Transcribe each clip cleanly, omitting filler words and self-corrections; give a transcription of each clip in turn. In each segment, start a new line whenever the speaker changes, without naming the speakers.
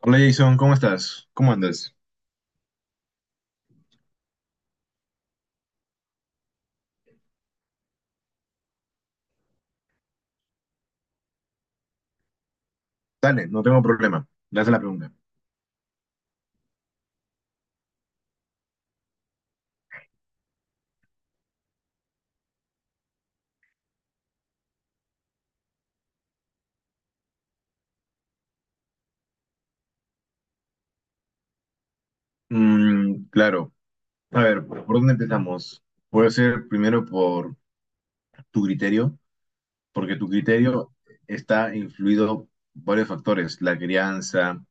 Hola Jason, ¿cómo estás? ¿Cómo andas? Dale, no tengo problema. Le haces la pregunta. Mm, claro. A ver, ¿por dónde empezamos? Puede ser primero por tu criterio, porque tu criterio está influido por varios factores, la crianza,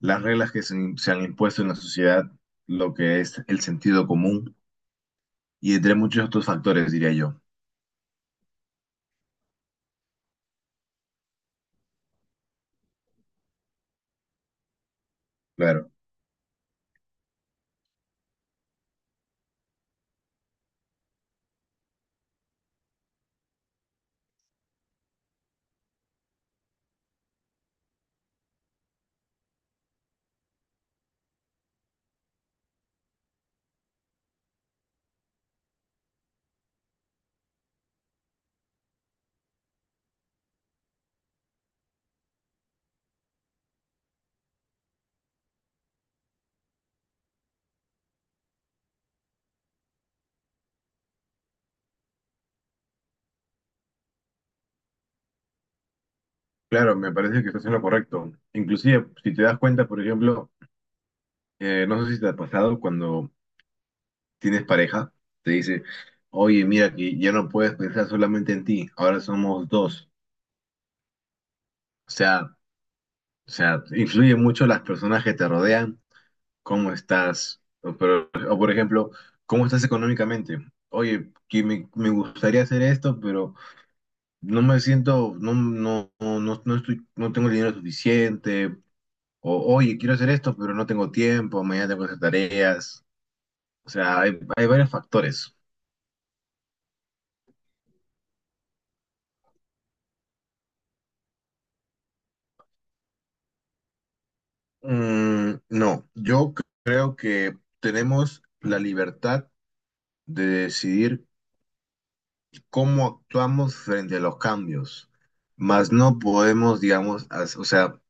las reglas que se han impuesto en la sociedad, lo que es el sentido común y entre muchos otros factores, diría yo. Claro, claro, me parece que estás en lo correcto. Inclusive, si te das cuenta, por ejemplo, no sé si te ha pasado cuando tienes pareja, te dice, oye, mira que ya no puedes pensar solamente en ti, ahora somos dos. O sea, o sea, influye mucho las personas que te rodean, cómo estás, o, o, por ejemplo, cómo estás económicamente. Oye, que me gustaría hacer esto, pero no me siento, no estoy, no tengo el dinero suficiente. O, oye, quiero hacer esto, pero no tengo tiempo, mañana tengo que hacer tareas. O sea, hay varios factores. Mm, no, yo creo que tenemos la libertad de decidir cómo actuamos frente a los cambios, mas no podemos, digamos, o sea,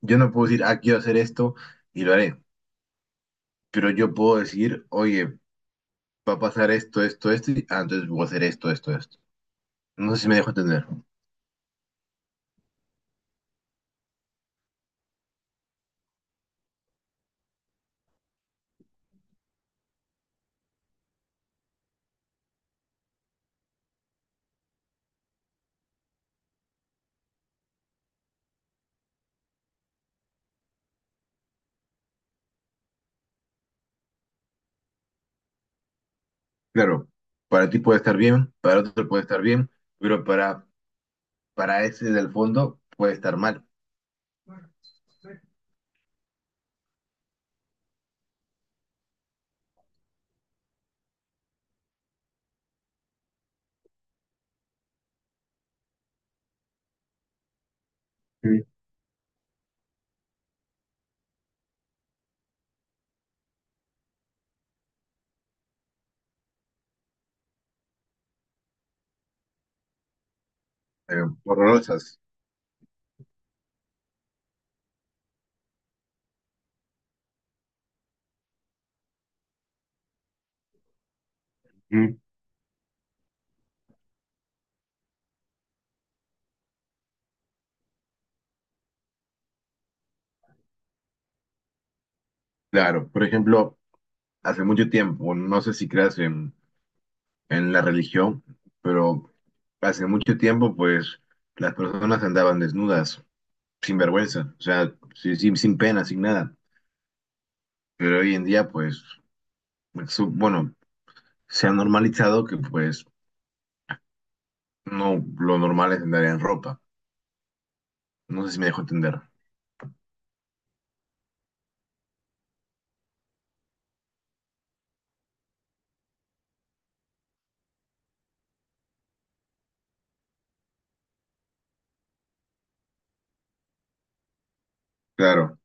yo no puedo decir, ah, quiero hacer esto y lo haré, pero yo puedo decir, oye, va a pasar esto, esto, esto, y ah, entonces voy a hacer esto, esto, esto. No sé si me dejo entender. Claro, para ti puede estar bien, para otro puede estar bien, pero para ese del fondo puede estar mal. Mm, horrorosas. Claro, por ejemplo, hace mucho tiempo, no sé si creas en la religión, pero hace mucho tiempo, pues las personas andaban desnudas, sin vergüenza, o sea, sin pena, sin nada. Pero hoy en día, pues, bueno, se ha normalizado que, pues, no lo normal es andar en ropa. No sé si me dejo entender. Claro.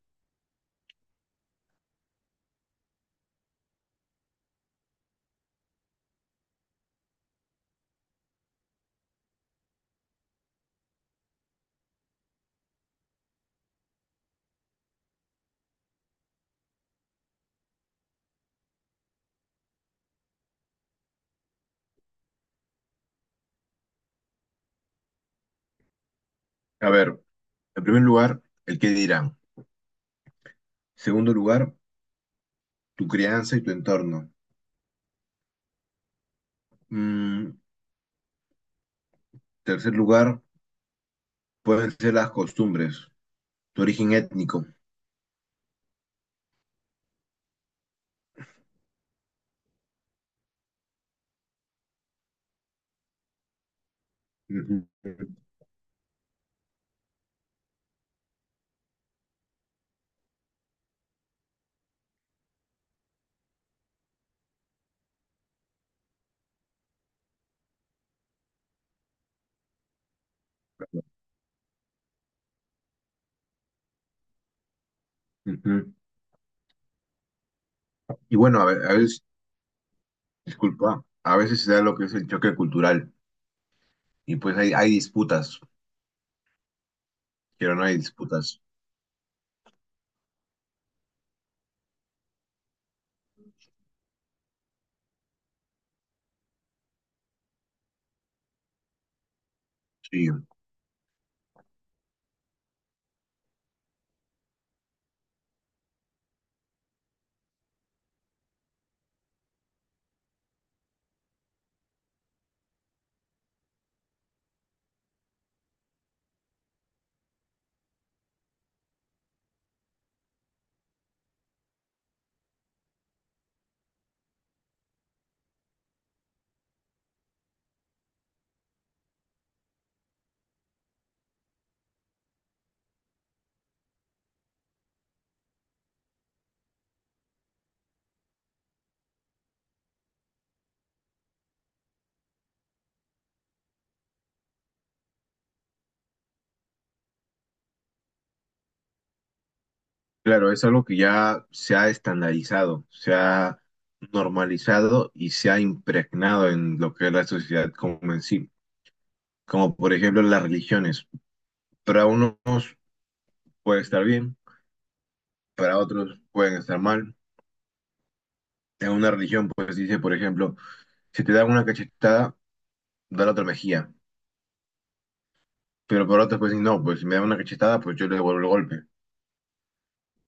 A ver, en primer lugar, el qué dirán. Segundo lugar, tu crianza y tu entorno. Mm, tercer lugar, pueden ser las costumbres, tu origen étnico. Ujú, ujú. Y bueno, a veces, disculpa, a veces se da lo que es el choque cultural y pues hay disputas, pero no hay disputas. Sí. Claro, es algo que ya se ha estandarizado, se ha normalizado y se ha impregnado en lo que es la sociedad como en sí, como por ejemplo las religiones. Para unos puede estar bien, para otros pueden estar mal. En una religión, pues dice, por ejemplo, si te dan una cachetada, da la otra mejilla. Pero para otros, pues no, pues si me dan una cachetada, pues yo le devuelvo el golpe.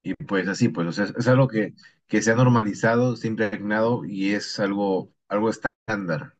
Y pues así, pues, o sea, es algo que se ha normalizado, se ha impregnado y es algo, algo estándar.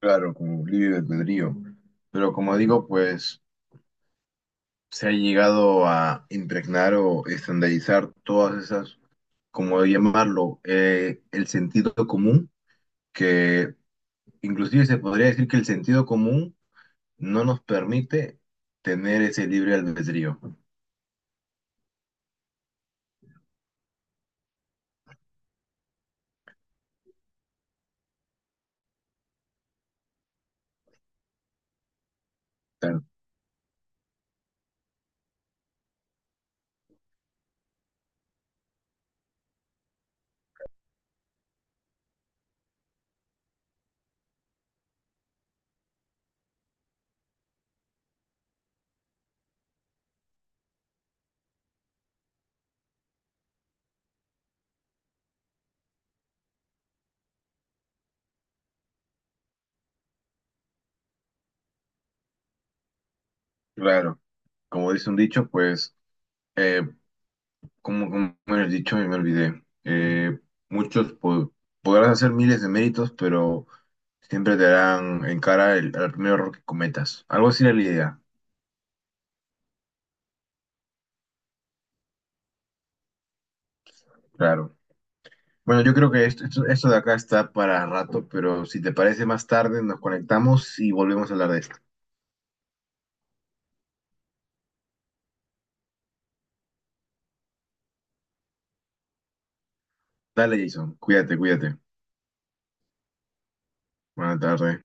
Claro, como libre albedrío. Pero como digo, pues se ha llegado a impregnar o estandarizar todas esas, como llamarlo, el sentido común que inclusive se podría decir que el sentido común no nos permite tener ese libre albedrío. Tan- Claro, como dice un dicho, pues, eh, como, como era el dicho, me olvidé. Muchos podrás hacer miles de méritos, pero siempre te darán en cara el, al primer error que cometas. Algo así era la idea, claro. Bueno, yo creo que esto de acá está para rato, pero si te parece más tarde, nos conectamos y volvemos a hablar de esto. Dale, Jason, cuídate. Buenas tardes.